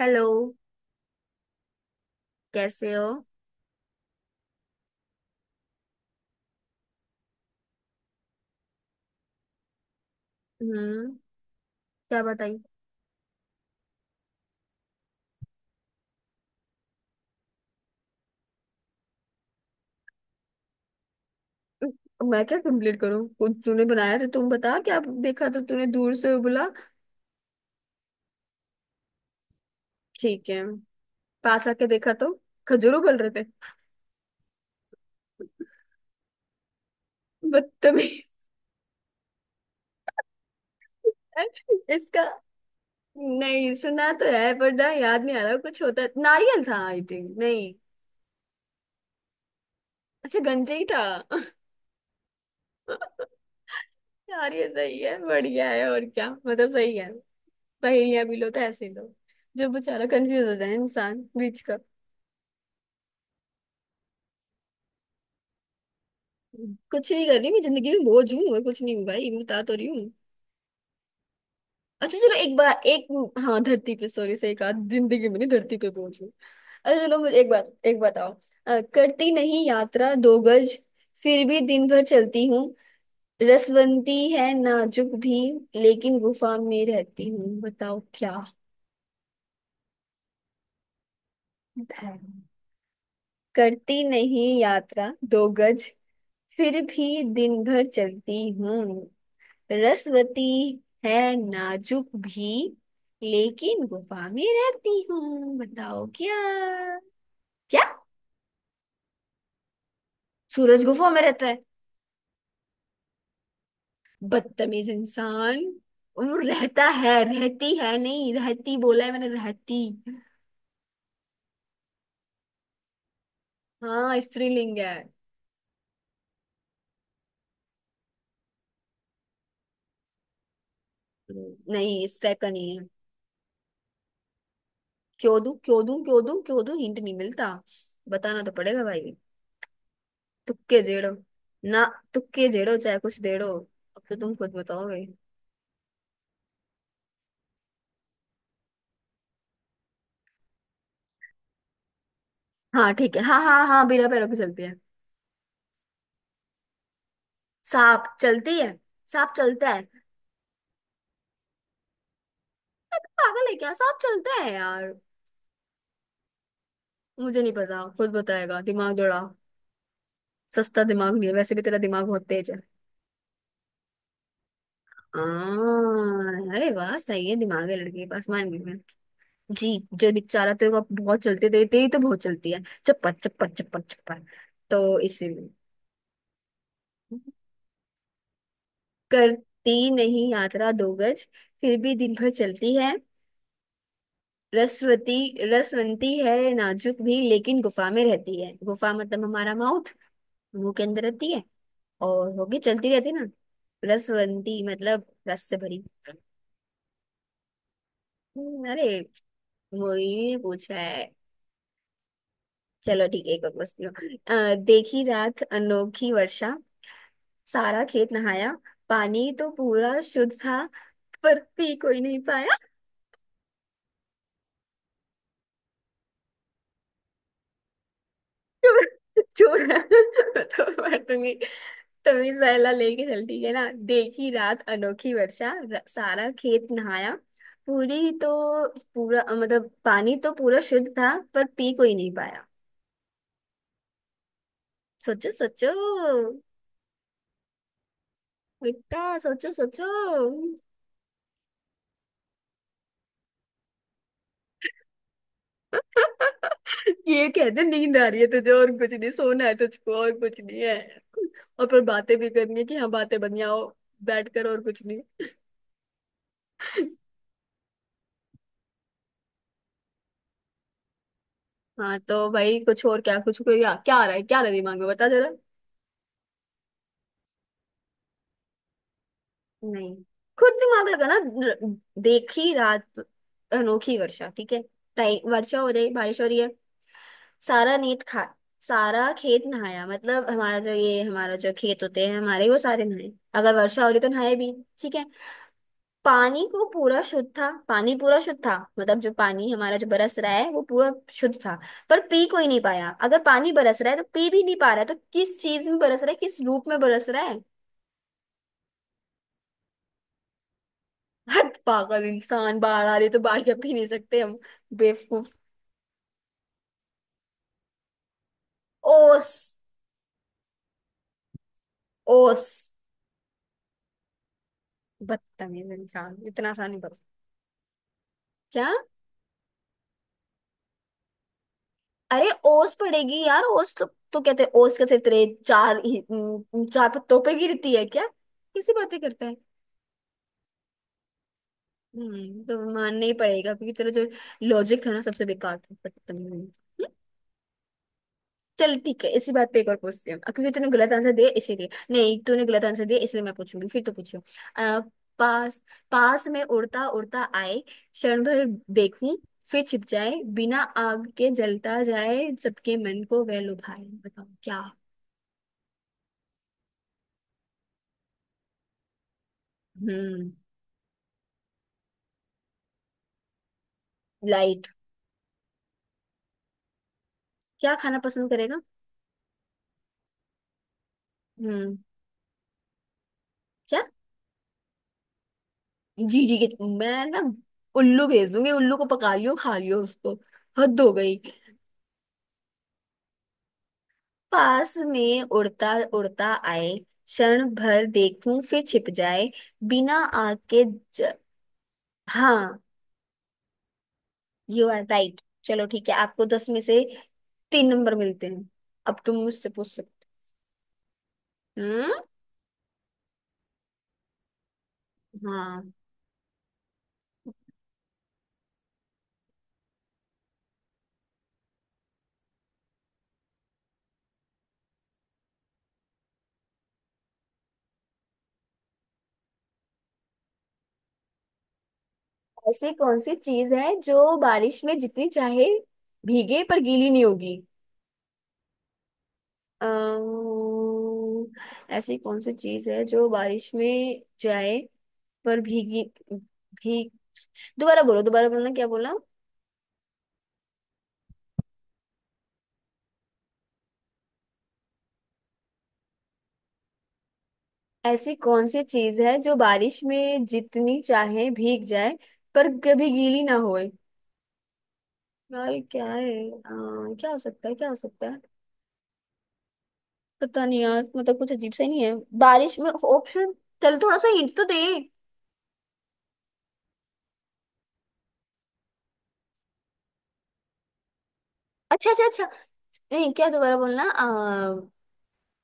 Hello. कैसे हो? हम्म, क्या बताई? अब मैं क्या कंप्लीट करूं, खुद तूने बनाया, तो तुम बता क्या देखा, तो तूने दूर से बोला। ठीक है, पास आके देखा तो खजूरों गल रहे थे। बदतमीज। इसका। नहीं सुना तो है पर ना, याद नहीं आ रहा, कुछ होता नारियल था आई थिंक, नहीं। अच्छा गंजे ही था। यार ये सही है, बढ़िया है, और क्या मतलब सही है। पहेलियां भी लो तो ऐसे ही लो, जो बेचारा कंफ्यूज हो जाए इंसान बीच का। कुछ नहीं कर रही मैं जिंदगी में, बोझ हूँ और कुछ नहीं हूँ भाई, मैं बता तो रही हूँ। अच्छा चलो एक बार एक। हाँ धरती पे, सॉरी, से एक आध जिंदगी में नहीं, धरती पे बोझ हूँ। अच्छा चलो मुझे एक बात एक बताओ। करती नहीं यात्रा दो गज, फिर भी दिन भर चलती हूँ, रसवंती है नाजुक भी, लेकिन गुफा में रहती हूँ, बताओ क्या है। करती नहीं यात्रा दो गज, फिर भी दिन भर चलती हूँ, रसवती है नाजुक भी, लेकिन गुफा में रहती हूँ, बताओ क्या? क्या सूरज गुफा में रहता है? बदतमीज इंसान। वो रहता है, रहती है नहीं, रहती बोला है मैंने, रहती। हाँ स्त्रीलिंग है। नहीं इस टाइप का नहीं है। क्यों दूं क्यों दूं क्यों दूं क्यों दूं? हिंट नहीं मिलता, बताना तो पड़ेगा भाई। तुक्के जेड़ो। ना, तुक्के जेड़ो चाहे कुछ देड़ो, अब तो तुम खुद बताओगे। हाँ ठीक है, हाँ हाँ हाँ, बिना पैरों की चलती है। सांप चलती है? सांप चलता है, अरे तू पागल है क्या, सांप चलता है यार? मुझे नहीं पता, खुद बताएगा, दिमाग दौड़ा। सस्ता दिमाग नहीं है, वैसे भी तेरा दिमाग बहुत तेज है। आ, अरे वाह सही है, दिमाग है लड़के के पास, मान गई मैं। जी। जो बेचारा तेरे को बहुत चलते, तेरी तेरी तो बहुत चलती है, चप्पड़ चप्पड़ चप्पड़ चप्पड़, तो इसीलिए। करती नहीं यात्रा दो गज, फिर भी दिन भर चलती है, रसवती, रसवंती है नाजुक भी, लेकिन गुफा में रहती है। गुफा मतलब हमारा माउथ, मुंह के अंदर रहती है और होगी, चलती रहती है ना। रसवंती मतलब रस से भरी। अरे, मोहिनी ने पूछा है। चलो ठीक है एक और पूछती हूँ। देखी रात अनोखी वर्षा, सारा खेत नहाया, पानी तो पूरा शुद्ध था, पर पी कोई नहीं पाया। चोर चोर, बताओ। मार दूंगी। तभी सहला लेके चलती है ना। देखी रात अनोखी वर्षा, सारा खेत नहाया, पूरी तो, पूरा मतलब पानी तो पूरा शुद्ध था, पर पी कोई नहीं पाया। सोचो सोचो। बेटा सोचो सोचो। ये कहते नींद आ रही है तुझे और कुछ नहीं, सोना है तुझको और कुछ नहीं है। और पर बातें भी करनी है कि हाँ बातें बन जाओ बैठ कर, और कुछ नहीं। हाँ तो भाई कुछ और क्या, कुछ कोई क्या क्या आ रहा है, क्या आ रहा है दिमाग में, बता जरा। नहीं, खुद दिमाग लगाना। र- देखी रात अनोखी वर्षा, ठीक है, टाइम वर्षा हो रही, बारिश हो रही है। सारा नेत खा, सारा खेत नहाया, मतलब हमारा जो ये, हमारा जो खेत होते हैं हमारे, वो सारे नहाए। अगर वर्षा हो रही तो नहाए भी, ठीक है। पानी को पूरा शुद्ध था, पानी पूरा शुद्ध था मतलब जो पानी हमारा जो बरस रहा है वो पूरा शुद्ध था। पर पी कोई नहीं पाया, अगर पानी बरस रहा है तो पी भी नहीं पा रहा है, तो किस चीज में बरस रहा है, किस रूप में बरस रहा है। हट पागल इंसान, बाढ़ आ रही तो बाढ़ के पी नहीं सकते हम, बेवकूफ। ओस। ओस। बदतमीज इंसान, इतना आसानी पर। क्या? अरे ओस पड़ेगी यार, ओस तो कहते हैं ओस के सिर्फ तेरे चार पत्तों पे गिरती है क्या? किसी बातें करते हैं। तो मानना ही पड़ेगा, क्योंकि तेरा जो लॉजिक था ना सबसे बेकार था, बदतमीज इंसान। चल ठीक है, इसी बात पे एक और पूछते हैं अब, क्योंकि तूने गलत आंसर दिया इसीलिए, नहीं तूने गलत आंसर दिया इसलिए मैं पूछूंगी, फिर तो पूछो। अ, पास, पास में उड़ता उड़ता आए क्षण भर, देखूं फिर छिप जाए, बिना आग के जलता जाए, सबके मन को वह लुभाए, बताओ क्या? हम्म। लाइट। क्या खाना पसंद करेगा? हम्म, क्या? जी जी के मैं ना उल्लू भेज दूंगी, उल्लू को पका लियो, खा लियो उसको, हद हो गई। पास में उड़ता उड़ता आए, क्षण भर देखूं फिर छिप जाए, बिना आग के ज... हाँ, यू आर राइट, चलो ठीक है, आपको दस में से तीन नंबर मिलते हैं। अब तुम मुझसे पूछ सकते हो। हम्म। हाँ। ऐसी कौन सी चीज है जो बारिश में जितनी चाहे भीगे पर गीली नहीं होगी। अम्म, ऐसी कौन सी चीज है जो बारिश में जाए, पर भीगी, भीग, दोबारा बोलो, दोबारा बोलना क्या बोला। ऐसी कौन सी चीज है जो बारिश में जितनी चाहे भीग जाए, पर कभी गीली ना होए। यार ये क्या है, क्या हो सकता है, क्या हो सकता है। पता नहीं यार, मतलब कुछ अजीब सा ही नहीं है, बारिश में ऑप्शन। चल थोड़ा सा हिंट तो दे। अच्छा अच्छा अच्छा, नहीं क्या, दोबारा बोलना,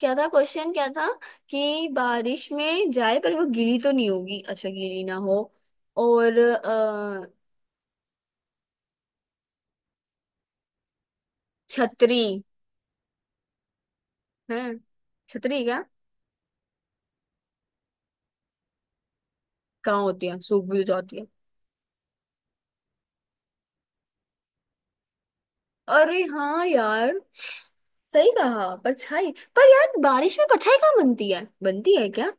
क्या था क्वेश्चन क्या था, कि बारिश में जाए पर वो गीली तो नहीं होगी, अच्छा गीली ना हो, और छतरी है। छतरी क्या, कहाँ होती है, सूख भी तो जाती है। अरे हाँ यार, सही कहा परछाई। पर यार बारिश में परछाई कहाँ बनती है, बनती है क्या?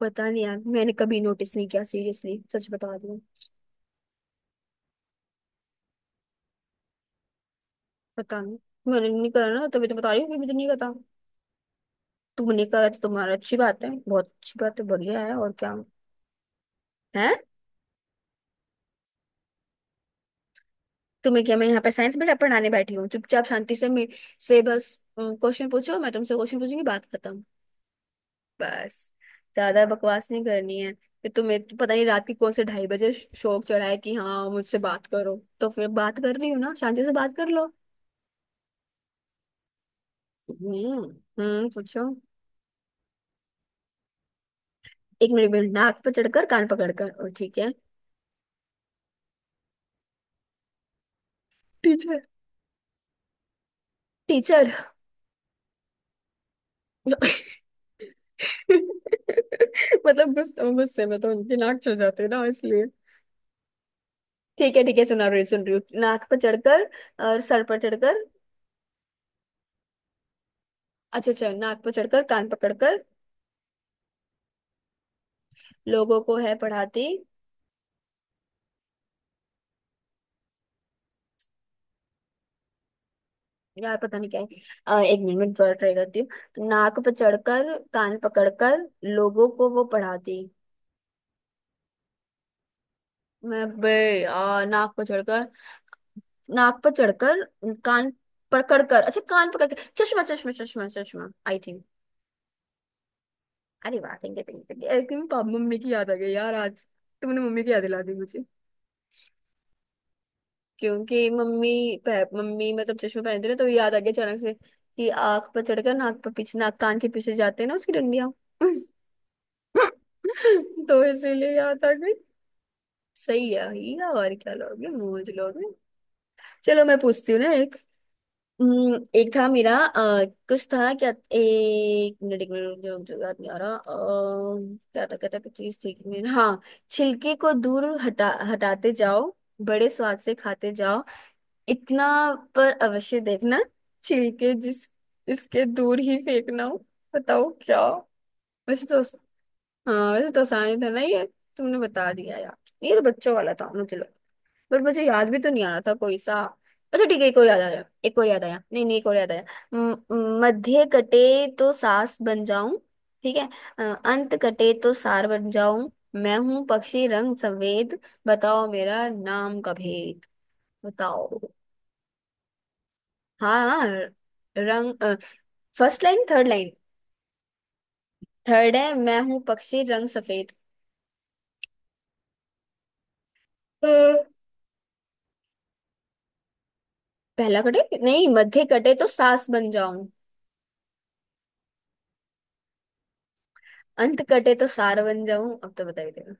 पता नहीं यार, मैंने कभी नोटिस नहीं किया, सीरियसली सच बता रही हूँ। पता नहीं, मैंने नहीं करा ना, तभी तो बता रही हूँ कि मुझे नहीं पता। तुमने करा तो तुम्हारा अच्छी बात है, बहुत अच्छी बात है, बढ़िया है और क्या है। तुम्हें क्या, मैं यहाँ पे साइंस बेटा पढ़ाने बैठी हूँ, चुपचाप शांति से मे से बस क्वेश्चन पूछो, मैं तुमसे क्वेश्चन पूछूंगी, बात खत्म। बस, ज्यादा बकवास नहीं करनी है। फिर तुम्हें तो पता नहीं रात के कौन से ढाई बजे शौक चढ़ा है कि हाँ मुझसे बात करो, तो फिर बात कर रही हूँ ना, शांति से बात कर लो। हम्म। हम्म, पूछो। एक मिनट एक मिनट, नाक पर चढ़कर कान पकड़कर और ठीक है। टीचर। टीचर। मतलब गुस्से गुस्से में तो उनकी नाक चढ़ जाती है ना, इसलिए। ठीक है ठीक है, सुना रही सुन रही हूँ, नाक पर चढ़कर और सर पर चढ़कर। अच्छा अच्छा, नाक पर चढ़कर कान पकड़कर लोगों को है पढ़ाती। यार पता नहीं क्या है। एक मिनट में थोड़ा ट्राई करती हूँ, नाक पे चढ़कर कान पकड़कर लोगों को वो पढ़ाती। मैं बे, नाक पर चढ़कर, नाक पर चढ़कर कान पकड़कर, अच्छा कान पकड़कर, चश्मा चश्मा चश्मा चश्मा आई थिंक। अरे वाह, thank you thank you thank you, पापा मम्मी की याद आ गई यार आज, तुमने मम्मी की याद दिला दी मुझे। क्योंकि मम्मी, मम्मी मतलब चश्मा पहनते ना तो याद आ गया अचानक से, कि आँख पर चढ़कर नाक पर पीछे, नाक कान के पीछे जाते हैं ना उसकी डंडियां। तो इसीलिए याद आ गई। सही है ही है, और क्या लोगे मूज लोगे। चलो मैं पूछती हूँ ना एक। एक था मेरा, कुछ था क्या, एक मिनट एक मिनट, रुक जाओ, याद नहीं आ रहा, क्या था क्या था, कुछ चीज थी मेरा, हाँ। छिलके को दूर हटा हटाते जाओ, बड़े स्वाद से खाते जाओ, इतना पर अवश्य देखना, छिलके जिस इसके दूर ही फेंकना हो, बताओ क्या? वैसे तो, हाँ वैसे तो आसानी था ना ये, तुमने बता दिया यार, ये तो बच्चों वाला था मुझे लग, बट मुझे याद भी तो नहीं आ रहा था कोई सा। अच्छा ठीक है, एक और याद आया, एक और याद आया, नहीं नहीं एक और याद आया। म- मध्य कटे तो सास बन जाऊं, ठीक है, अंत कटे तो सार बन जाऊं, मैं हूं पक्षी रंग सफेद, बताओ मेरा नाम का भेद, बताओ। हाँ हाँ, रंग, first line, third line, third है, मैं हूं पक्षी रंग सफेद। पहला कटे नहीं, मध्य कटे तो सास बन जाऊं, अंत कटे तो सार बन जाऊं, अब तो बता ही देना।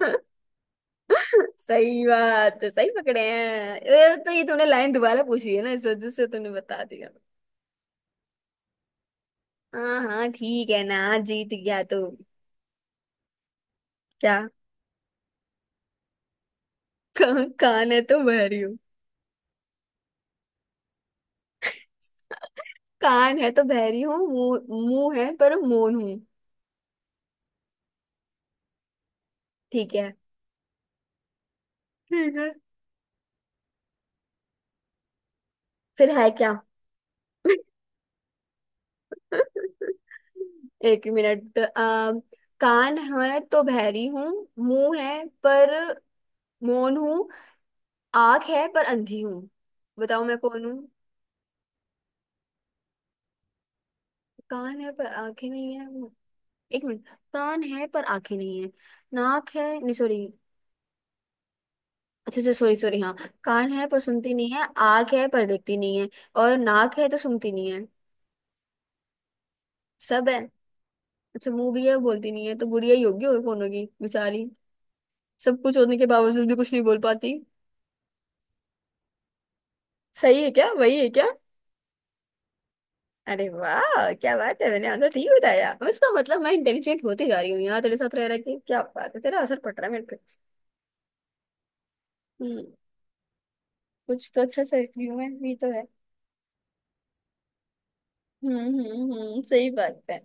सही बात, सही पकड़े हैं ये तो, ये तुमने लाइन दोबारा पूछी है ना इस वजह से तुमने बता दिया। हाँ हाँ ठीक है ना, जीत गया तो। क्या? कान कान है तो बहरी हूँ, कान है तो बहरी हूँ, मुंह मुंह है पर मौन हूँ। ठीक है। ठीक है। फिर है क्या? एक मिनट, कान है तो बहरी हूँ, मुंह है पर मौन हूँ, आंख है पर अंधी हूँ, बताओ मैं कौन हूँ? कान है पर आंखें नहीं है, एक मिनट, कान है पर आंखें नहीं है, नाक है नहीं, सॉरी। अच्छा अच्छा सॉरी सॉरी, हाँ। कान है पर सुनती नहीं है, आंख है पर देखती नहीं है, और नाक है तो सुनती नहीं है, सब है। अच्छा मुंह भी है बोलती नहीं है, तो गुड़िया ही होगी, और कौन होगी बेचारी, सब कुछ होने के बावजूद भी कुछ नहीं बोल पाती। सही है क्या, वही है क्या? अरे वाह क्या बात है, मैंने आंसर ठीक बताया, अब इसका मतलब मैं इंटेलिजेंट होती जा रही हूँ। यहाँ तेरे साथ रह रहा कि क्या बात है, तेरा असर पड़ रहा है मेरे पे। हम्म। कुछ तो अच्छा से ह्यूमन भी तो है। हम्म, सही बात है,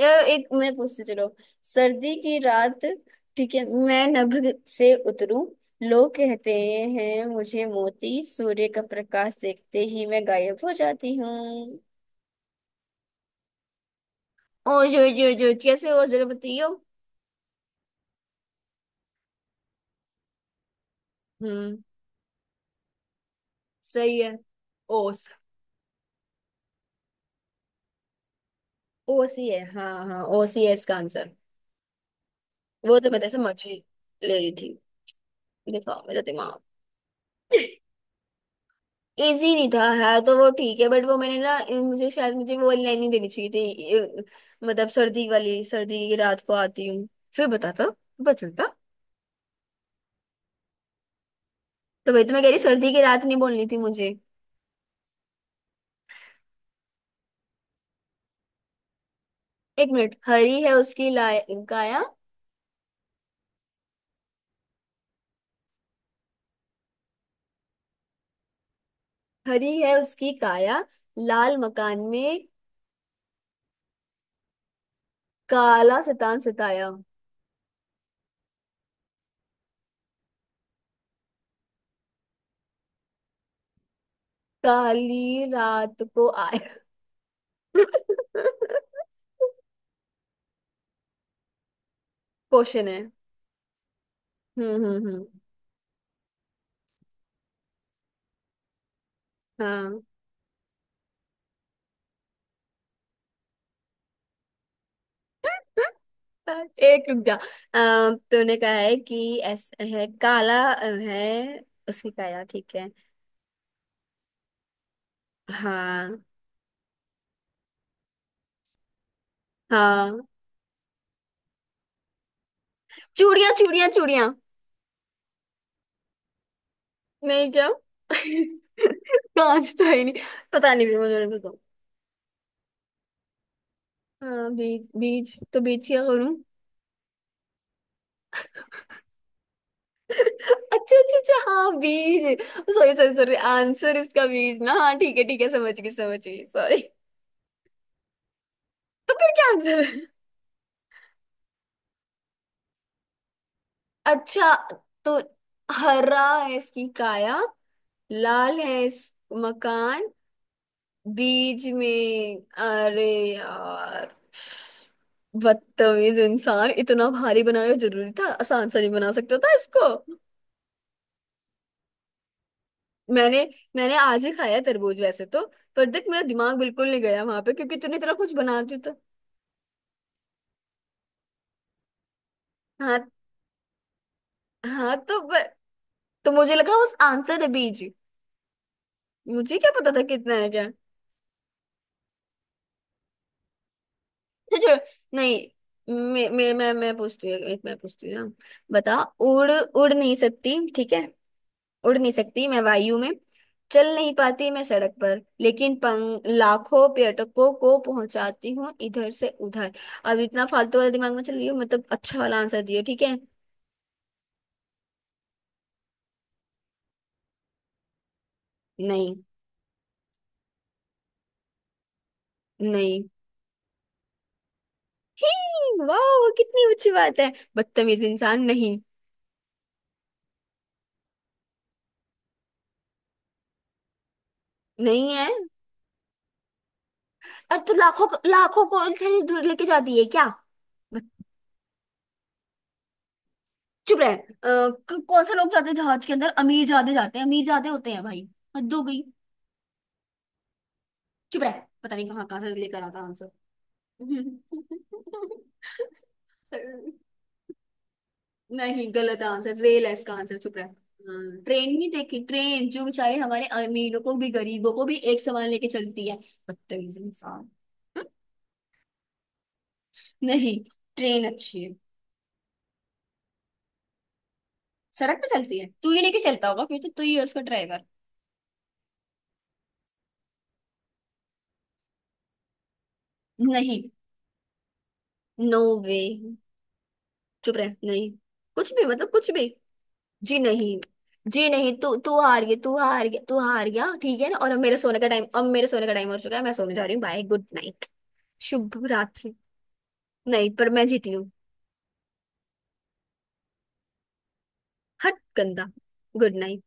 चलो। एक मैं पूछती, चलो। सर्दी की रात, ठीक है, मैं नभ से उतरूं, लोग कहते हैं मुझे मोती। सूर्य का प्रकाश देखते ही मैं गायब हो जाती हूँ। ओ जो जो जो कैसे हो, जरा बताइयो। हम्म, सही है। ओस। ओ सी है, हाँ हाँ, ओ सी है इसका आंसर। वो तो मैं जैसे मजे ले रही थी, दिखाओ मेरा दिमाग। इजी नहीं था, है तो वो ठीक है, बट वो मैंने ना, मुझे शायद मुझे वो लाइन नहीं देनी चाहिए थी। मतलब सर्दी वाली, सर्दी की रात को आती हूँ फिर बताता, पता चलता। तो वही तो मैं कह रही, सर्दी की रात नहीं बोलनी थी मुझे। एक मिनट, हरी है उसकी लाय, काया। हरी है उसकी काया, लाल मकान में काला शैतान सताया, काली रात को आया। क्वेश्चन है। हम्म। हाँ। एक रुक जा, तूने कहा है कि ऐसा है, काला है उसकी काया, ठीक है। हाँ। हाँ। चूड़ियां चूड़ियां चूड़ियां। नहीं क्या। कांच तो है ही नहीं। पता नहीं, फिर मुझे नहीं पता। हाँ बीज, बीज तो बीज क्या करूं। अच्छा अच्छा अच्छा, हाँ बीज, सॉरी सॉरी सॉरी, आंसर इसका बीज ना, हाँ ठीक है, ठीक है समझ गई, समझ गई, सॉरी। क्या आंसर है? अच्छा। तो हरा है इसकी काया, लाल है इस मकान, बीज में। अरे यार, बदतमीज इंसान, इतना भारी बनाना जरूरी था? आसान सा नहीं बना सकता था इसको? मैंने, मैंने आज ही खाया है तरबूज वैसे तो, पर देख मेरा दिमाग बिल्कुल नहीं गया वहां पे, क्योंकि तूने इतना कुछ बना दिया था। हाँ। हाँ तो तो मुझे लगा उस आंसर है बीज। मुझे क्या पता था, कितना है क्या। अच्छा छोड़ नहीं, मैं पूछती हूँ, एक मैं पूछती हूँ ना। बता, उड़ उड़ नहीं सकती, ठीक है। उड़ नहीं सकती मैं वायु में, चल नहीं पाती मैं सड़क पर, लेकिन पंग लाखों पर्यटकों को पहुंचाती हूँ इधर से उधर। अब इतना फालतू वाला दिमाग में चल रही हो, मतलब अच्छा वाला आंसर दियो, ठीक है। नहीं। नहीं। ही, वाह कितनी अच्छी बात है, बदतमीज इंसान। नहीं। नहीं है। अब तो लाखों लाखों को इतनी दूर लेके जाती है क्या। चुप रहे। कौन से लोग जाते हैं जहाज के अंदर? अमीर ज्यादा जाते हैं, अमीर ज्यादा होते हैं भाई। हद हो गई। चुप रहे। पता नहीं कहाँ कहाँ से लेकर आता आंसर। नहीं, गलत आंसर। रेल है इसका आंसर, चुप रहे। हाँ, ट्रेन नहीं देखी? ट्रेन जो बेचारे हमारे अमीरों को भी, गरीबों को भी एक समान लेके चलती है। बदतमीज इंसान। हम्म, नहीं। ट्रेन अच्छी है। सड़क पे चलती है? तू ही लेके चलता होगा फिर, तो तू ही है उसका ड्राइवर। नहीं, नो वे, चुप रह। नहीं कुछ भी, मतलब कुछ भी। जी नहीं। जी नहीं, तू तू हार गई, तू हार गया, तू हार गया, ठीक है ना। और अब मेरे सोने का टाइम, अब मेरे सोने का टाइम हो चुका है, मैं सोने जा रही हूँ। Bye, good night. शुभ रात्रि। नहीं, पर मैं जीती हूँ। हट गंदा। Good night.